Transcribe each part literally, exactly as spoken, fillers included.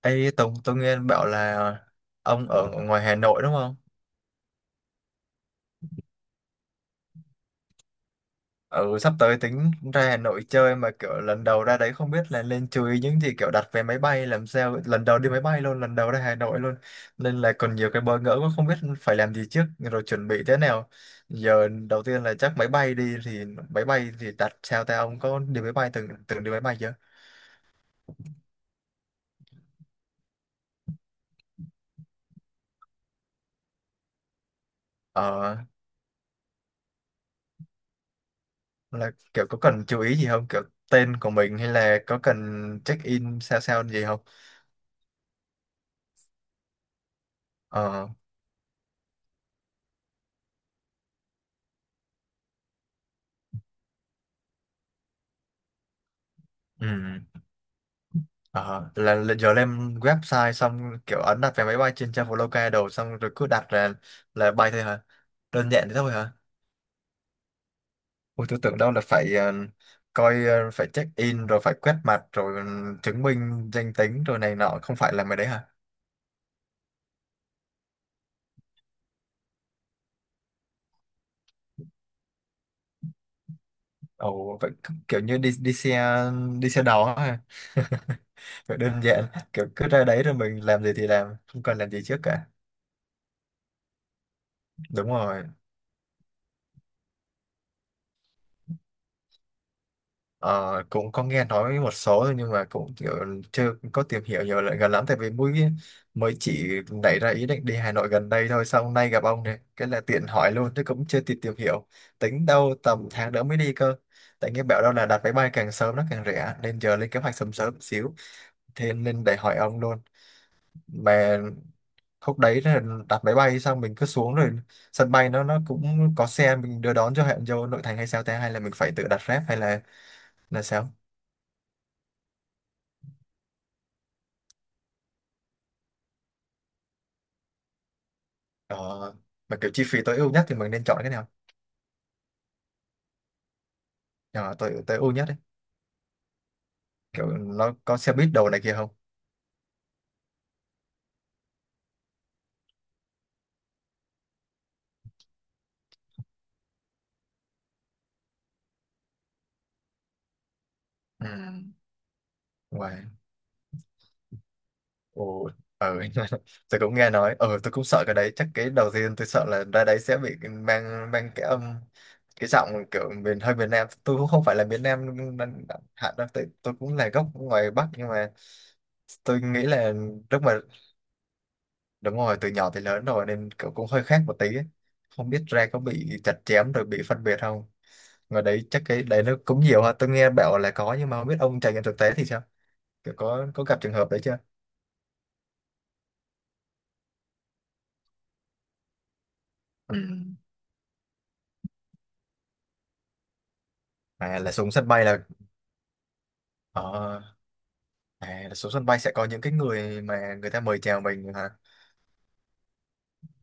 Ê Tùng, tôi nghe bảo là ông ở ngoài Hà Nội đúng không? Ừ, sắp tới tính ra Hà Nội chơi mà kiểu lần đầu ra đấy không biết là nên chú ý những gì kiểu đặt vé máy bay làm sao lần đầu đi máy bay luôn, lần đầu ra Hà Nội luôn nên là còn nhiều cái bỡ ngỡ quá không biết phải làm gì trước rồi chuẩn bị thế nào. Giờ đầu tiên là chắc máy bay đi thì máy bay thì đặt sao ta, ông có đi máy bay từng từng đi máy bay chưa? Ờ, là kiểu có cần chú ý gì không? Kiểu tên của mình hay là có cần check in sao sao gì không? Ờ, ừ. Ờ, là, là giờ lên website xong kiểu ấn đặt vé máy bay trên trang follow ca đầu xong rồi cứ đặt là là bay thôi hả? Đơn giản thế thôi hả? Ôi tôi tưởng đâu là phải ờ, coi, ờ, phải check in rồi phải quét mặt rồi ừ, chứng minh danh tính rồi này nọ, không phải là mấy đấy hả? Ồ vậy cứ kiểu như đi đi xe đi xe đò hả? Vậy đơn giản kiểu cứ ra đấy rồi mình làm gì thì làm, không cần làm gì trước cả. Đúng rồi. Ờ, cũng có nghe nói một số thôi nhưng mà cũng kiểu chưa có tìm hiểu nhiều lại gần lắm, tại vì mới mới chỉ nảy ra ý định đi Hà Nội gần đây thôi, xong hôm nay gặp ông này cái là tiện hỏi luôn chứ cũng chưa kịp tìm hiểu, tính đâu tầm tháng nữa mới đi cơ, tại nghe bảo đâu là đặt máy bay càng sớm nó càng rẻ nên giờ lên kế hoạch sớm sớm xíu, thế nên để hỏi ông luôn. Mà lúc đấy là đặt máy bay xong mình cứ xuống rồi sân bay nó nó cũng có xe mình đưa đón cho, hẹn vô nội thành hay sao ta, hay là mình phải tự đặt Grab hay là là sao? Ờ, mà kiểu chi phí tối ưu nhất thì mình nên chọn cái nào? Ờ, tối tối ưu nhất đấy, kiểu nó có xe buýt đồ này kia không? Ừ. Ngoài, ồ, ừ. Tôi cũng nghe nói, ừ, tôi cũng sợ cái đấy. Chắc cái đầu tiên tôi sợ là ra đấy sẽ bị mang mang cái âm, cái giọng kiểu miền hơi miền Nam, tôi cũng không phải là miền Nam nên- hạn đâu tôi, tôi, cũng là gốc ngoài Bắc nhưng mà tôi nghĩ là lúc mà đúng rồi, từ nhỏ tới lớn rồi nên kiểu cũng hơi khác một tí ấy. Không biết ra có bị chặt chém rồi bị phân biệt không, ngoài đấy chắc cái đấy nó cũng nhiều ha, tôi nghe bảo là có nhưng mà không biết ông trải nghiệm thực tế thì sao, kiểu có có gặp trường hợp đấy chưa? Ừ. À, là xuống sân bay là, ờ, à, là xuống sân bay sẽ có những cái người mà người ta mời chào mình hả?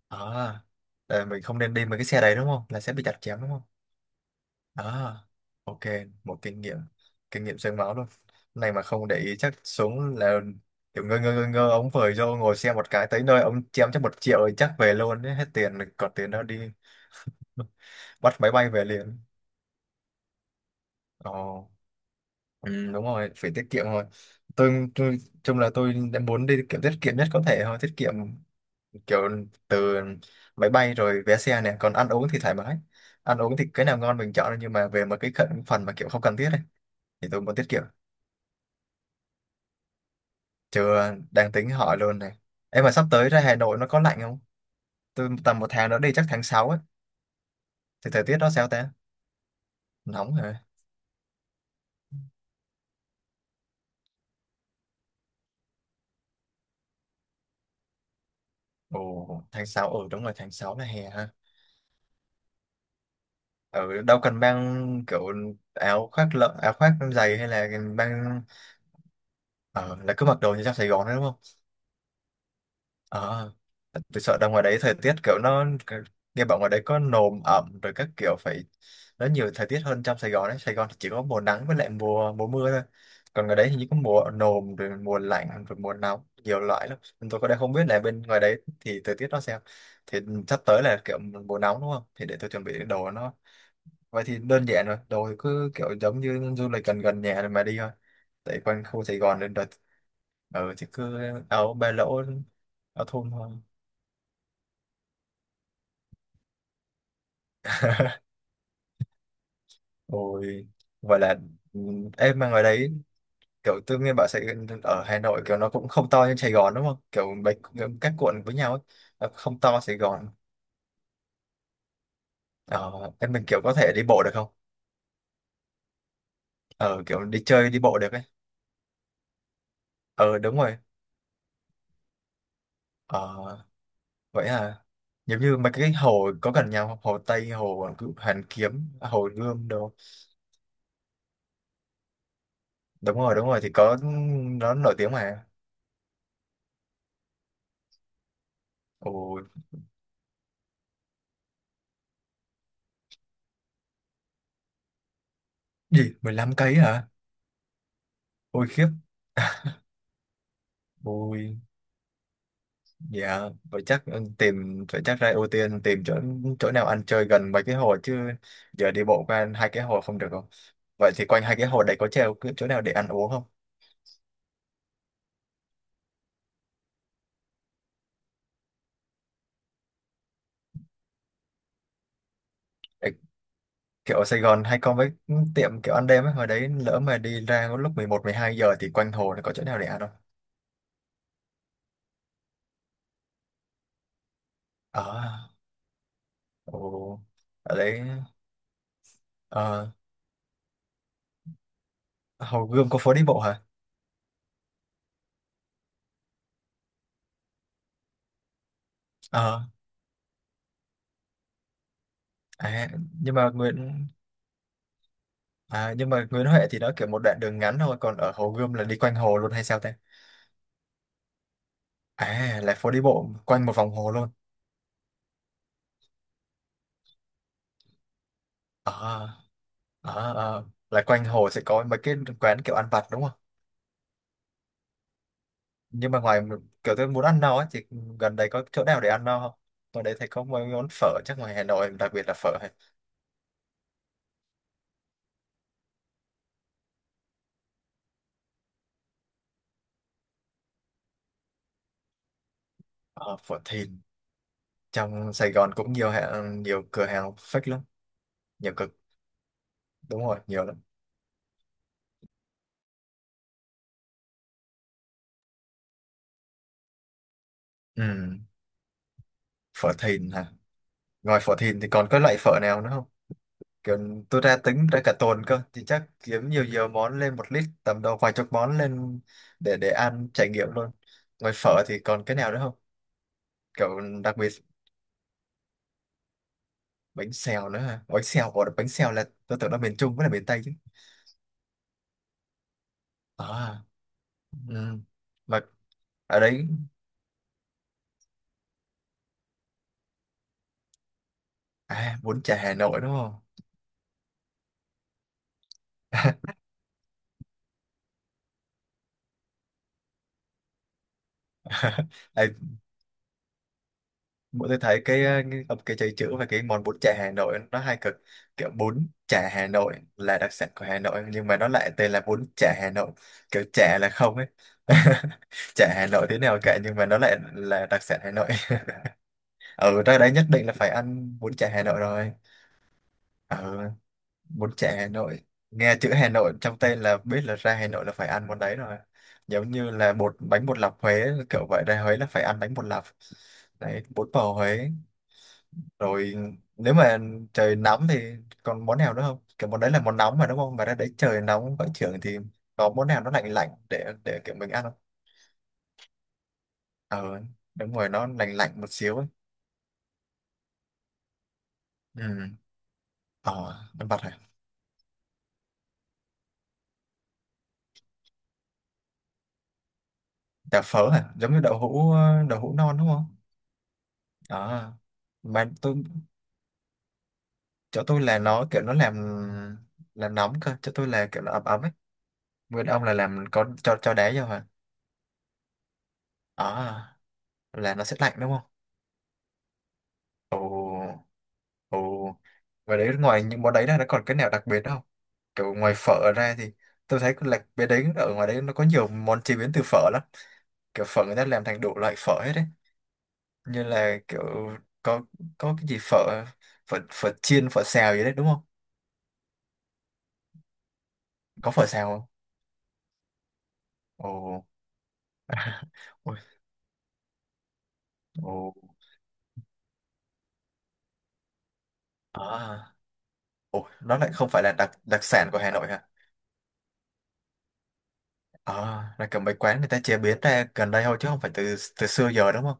À, là mình không nên đi với cái xe đấy đúng không, là sẽ bị chặt chém đúng không? À, ok, một kinh nghiệm kinh nghiệm xương máu luôn này, mà không để ý chắc xuống là kiểu ngơ ngơ ngơ ngơ, ông vời vô ngồi xe một cái tới nơi ông chém cho một triệu thì chắc về luôn ấy, hết tiền còn tiền đó đi. Bắt máy bay về liền. Ồ, ừ, đúng rồi, phải tiết kiệm thôi. Tôi, tôi chung là tôi đã muốn đi tiết kiệm, tiết kiệm nhất có thể thôi, tiết kiệm kiểu từ máy bay rồi vé xe này, còn ăn uống thì thoải mái. Ăn uống thì cái nào ngon mình chọn nhưng mà về một cái khẩn- phần mà kiểu không cần thiết này thì tôi muốn tiết kiệm. Chưa, đang tính hỏi luôn này. Em mà sắp tới ra Hà Nội nó có lạnh không? Tôi tầm một tháng nữa đi, chắc tháng sáu ấy, thì thời tiết nó sao ta? Nóng hả? Ồ, tháng sáu, ừ đúng rồi, tháng sáu là hè ha. Ừ, đâu cần mang kiểu áo khoác lợ, áo khoác dày hay là mang, ờ, là cứ mặc đồ như trong Sài Gòn đấy đúng không? Ờ, tôi sợ ra ngoài đấy thời tiết kiểu nó, nghe bảo ngoài đấy có nồm ẩm rồi các kiểu, phải nó nhiều thời tiết hơn trong Sài Gòn đấy. Sài Gòn thì chỉ có mùa nắng với lại mùa mùa mưa thôi, còn ngoài đấy thì chỉ có mùa nồm rồi mùa lạnh rồi mùa nóng, nhiều loại lắm. Nên tôi có đang không biết là bên ngoài đấy thì thời tiết nó sao, thì sắp tới là kiểu mùa nóng đúng không, thì để tôi chuẩn bị đồ nó. Vậy thì đơn giản rồi, đồ thì cứ kiểu giống như du lịch gần gần nhà rồi mà đi thôi, tại quanh khu Sài Gòn nên đợt ở thì cứ áo ba lỗ, áo thun thôi. Ôi, vậy là, ừ, em mà ngoài đấy kiểu tôi nghe bảo Sài ở Hà Nội kiểu nó cũng không to như Sài Gòn đúng không? Kiểu mấy các quận với nhau ấy, nó không to Sài Gòn. Ờ, em mình kiểu có thể đi bộ được không? Ờ, kiểu đi chơi đi bộ được ấy. Ờ, đúng rồi. Ờ, vậy à, giống như mấy cái hồ có gần nhau không? Hồ Tây, hồ Hoàn Kiếm, hồ Gươm đâu, đúng rồi đúng rồi, thì có, nó nổi tiếng mà. Ôi, gì, mười lăm cây hả? Ôi khiếp. Ôi dạ, vậy chắc, ừ, tìm vậy chắc ra ưu tiên tìm chỗ chỗ nào ăn chơi gần mấy cái hồ chứ. Giờ đi bộ qua hai cái hồ không được không? Vậy thì quanh hai cái hồ đấy có treo cái chỗ nào để ăn uống không? Để kiểu ở Sài Gòn hay có mấy tiệm kiểu ăn đêm ấy, hồi đấy lỡ mà đi ra lúc mười một mười hai giờ thì quanh hồ nó có chỗ nào để ăn không? À, ồ, ở đấy, ờ, Hồ Gươm có phố đi bộ hả? Ờ, à, nhưng mà Nguyễn à, nhưng mà Nguyễn Huệ thì nó kiểu một đoạn đường ngắn thôi, còn ở Hồ Gươm là đi quanh hồ luôn hay sao ta? À, là phố đi bộ quanh một vòng hồ luôn. Ờ, ờ, ờ, là quanh hồ sẽ có mấy cái quán kiểu ăn vặt đúng không? Nhưng mà ngoài kiểu tôi muốn ăn no ấy, thì gần đây có chỗ nào để ăn no không? Ở đấy thấy có mấy món phở chắc ngoài Hà Nội đặc biệt là phở hay, ờ, phở Thìn trong Sài Gòn cũng nhiều hàng, nhiều cửa hàng fake lắm, nhiều cửa đúng rồi nhiều lắm. Ừ, phở Thìn hả? Ngoài phở Thìn thì còn có loại phở nào nữa không, kiểu tôi ra tính ra cả tuần cơ thì chắc kiếm nhiều nhiều món lên một lít tầm đâu vài chục món lên, để để ăn trải nghiệm luôn. Ngoài phở thì còn cái nào nữa không, kiểu đặc biệt? Bánh xèo nữa hả? Bánh xèo, ủa bánh xèo là tôi tưởng là miền Trung với là miền Tây chứ. À, ừ, mà ở đấy. À, bún chả Hà Nội đúng không? Ấy, bọn tôi thấy cái, ờ, cái cái chảy chữ và cái món bún chả Hà Nội nó hay cực, kiểu bún chả Hà Nội là đặc sản của Hà Nội nhưng mà nó lại tên là bún chả Hà Nội, kiểu chả là không ấy. Chả Hà Nội thế nào cả nhưng mà nó lại là đặc sản Hà Nội. Ở ra đấy nhất định là phải ăn bún chả Hà Nội rồi. Ở, bún chả Hà Nội, nghe chữ Hà Nội trong tên là biết là ra Hà Nội là phải ăn món đấy rồi, giống như là bột bánh bột lọc Huế kiểu vậy, ra Huế là phải ăn bánh bột lọc, đấy, bún bò Huế rồi. Nếu mà trời nóng thì còn món nào nữa không, kiểu món đấy là món nóng mà đúng không, mà ra đấy trời nóng vẫn trưởng thì có món nào nó lạnh lạnh để để kiểu mình ăn không? Ờ đúng rồi, nó lạnh lạnh một xíu ấy. Ừ, ờ, ăn vặt hả? Chả phở hả, giống như đậu hũ đậu hũ non đúng không? Ờ, mà tôi, chỗ tôi là nó kiểu nó làm làm nóng cơ, chỗ tôi là kiểu nó ấm ấm ấy. Nguyên ông là làm có cho cho đá vô hả? Ờ, là nó sẽ lạnh đúng không? Ồ, ồ. Và đấy, ngoài những món đấy ra nó còn cái nào đặc biệt không? Kiểu ngoài phở ra thì tôi thấy là bên đấy ở ngoài đấy nó có nhiều món chế biến từ phở lắm. Kiểu phở người ta làm thành đủ loại phở hết đấy. Như là kiểu có có cái gì phở, phở phở chiên, phở xào gì đấy đúng không? Có phở xào không? Ồ. Ôi, ồ. À. Ồ, nó lại không phải là đặc đặc sản của Hà Nội hả? À, là kiểu mấy quán người ta chế biến ra gần đây thôi chứ không phải từ từ xưa giờ đúng không?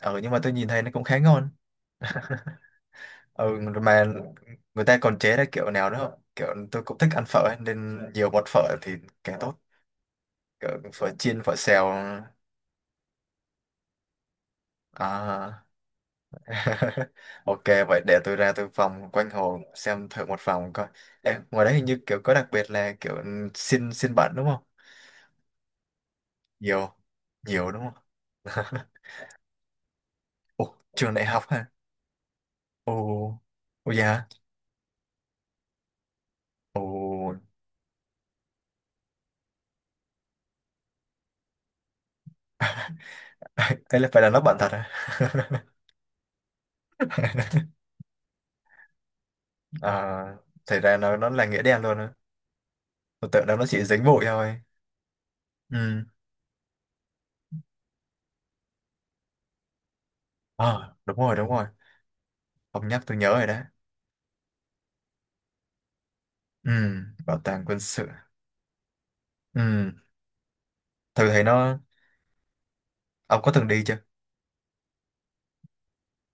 Ờ nhưng mà tôi nhìn thấy nó cũng khá ngon. Ừ, mà người ta còn chế ra kiểu nào nữa không, kiểu tôi cũng thích ăn phở ấy, nên nhiều bột phở thì càng tốt, kiểu phở chiên phở xèo à. Ok, vậy để tôi ra tôi vòng quanh hồ xem thử một vòng coi. Ê, ngoài đấy hình như kiểu có đặc biệt là kiểu xin xin bạn đúng không, nhiều, nhiều đúng không. Ồ, trường đại học hả, ồ, ồ, dạ, ồ. Thế là phải là nó bạn thật à? À, thì ra nó nó là nghĩa đen luôn. Tôi tưởng đâu nó chỉ dính bụi thôi. Ừ. Ờ, đúng rồi, đúng rồi. Ông nhắc tôi nhớ rồi đấy. Ừ, bảo tàng quân sự. Ừ, thử thấy nó... Ông có từng đi chưa?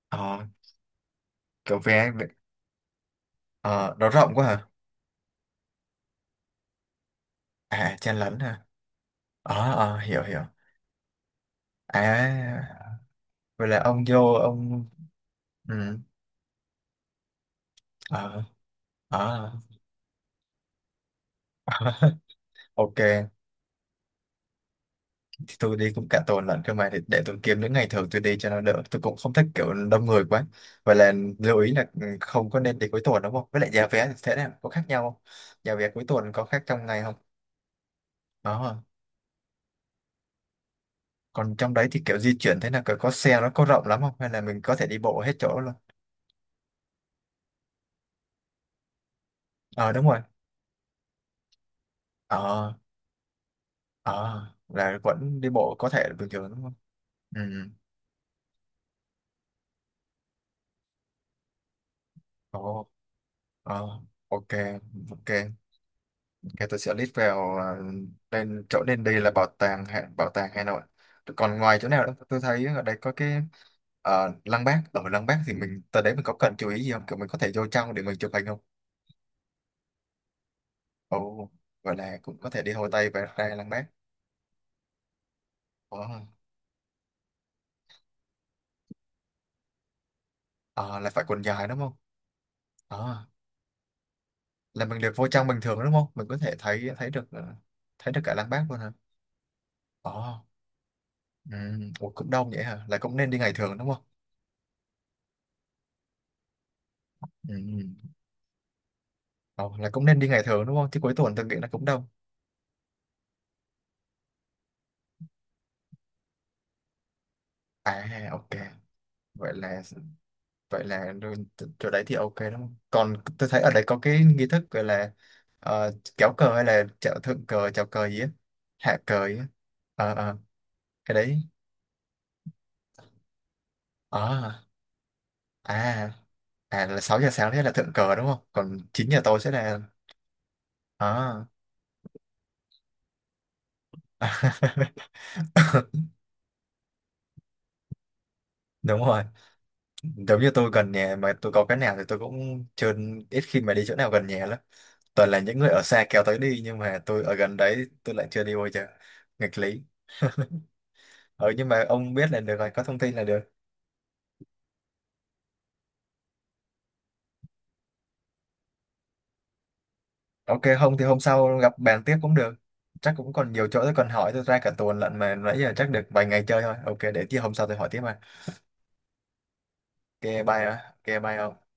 Ờ, kiểu vé... Ờ, nó rộng quá hả? À, chen lấn hả? Ờ, ờ, hiểu, hiểu. À, vậy là ông vô, ông... Ừ, ờ, ờ. Ok. Thì tôi đi cũng cả tuần lận cơ mà, để, để tôi kiếm những ngày thường tôi đi cho nó đỡ, tôi cũng không thích kiểu đông người quá, và là lưu ý là ừ, không có nên đi cuối tuần đúng không, với lại giá vé thì thế nào, có khác nhau không, giá vé cuối tuần có khác trong ngày không, đó. Còn trong đấy thì kiểu di chuyển thế nào, kiểu có xe, nó có rộng lắm không hay là mình có thể đi bộ hết chỗ luôn? Ờ đúng rồi, ờ, ờ, là vẫn đi bộ có thể là bình thường đúng không? Ừ, ồ, ờ, ok, ok. Ok, tôi sẽ list vào, à, lên chỗ nên đi là bảo tàng Hà- bảo tàng Hà Nội. Còn ngoài chỗ nào đó tôi thấy ở đây có cái ờ, Lăng Bác. Ở Lăng Bác thì mình tới đấy mình có cần chú ý gì không? Kiểu mình có thể vô trong để mình chụp hình không? Ồ, gọi là cũng có thể đi Hồ Tây và ra Lăng Bác. Ồ, ờ, là phải quần dài đúng không? Ờ, là mình được vô trong bình thường đúng không? Mình có thể thấy thấy được ờ, thấy được cả Lăng Bác luôn hả? Ồ, ừ, ủa, cũng đông vậy hả? Là cũng nên đi ngày thường đúng không? Ừ, ừ. Ờ, là cũng nên đi ngày thường đúng không? Chứ cuối tuần tôi nghĩ là cũng đông. À ok, vậy là vậy là rồi- t- chỗ đấy thì ok đúng không? Còn tôi thấy ở đây có cái nghi thức gọi là ờ, kéo cờ hay là chào thượng cờ, chào cờ gì á, hạ cờ gì á. Ờ ờ cái đấy. Ờ, à, à, là sáu giờ sáng thế là thượng cờ đúng không? Còn chín giờ tối sẽ là ờ. Đúng rồi. Giống như tôi gần nhà mà tôi có cái nào thì tôi cũng chưa ít khi mà đi chỗ nào gần nhà lắm. Toàn là những người ở xa kéo tới đi nhưng mà tôi ở gần đấy tôi lại chưa đi bao giờ. Nghịch lý. Ừ nhưng mà ông biết là được rồi, có thông tin là được. Ok, không thì hôm sau gặp bàn tiếp cũng được, chắc cũng còn nhiều chỗ tôi còn hỏi, tôi ra cả tuần lận mà nãy giờ chắc được vài ngày chơi thôi, ok để chi hôm sau tôi hỏi tiếp mà. Ok, bye ạ. Ok bye ông.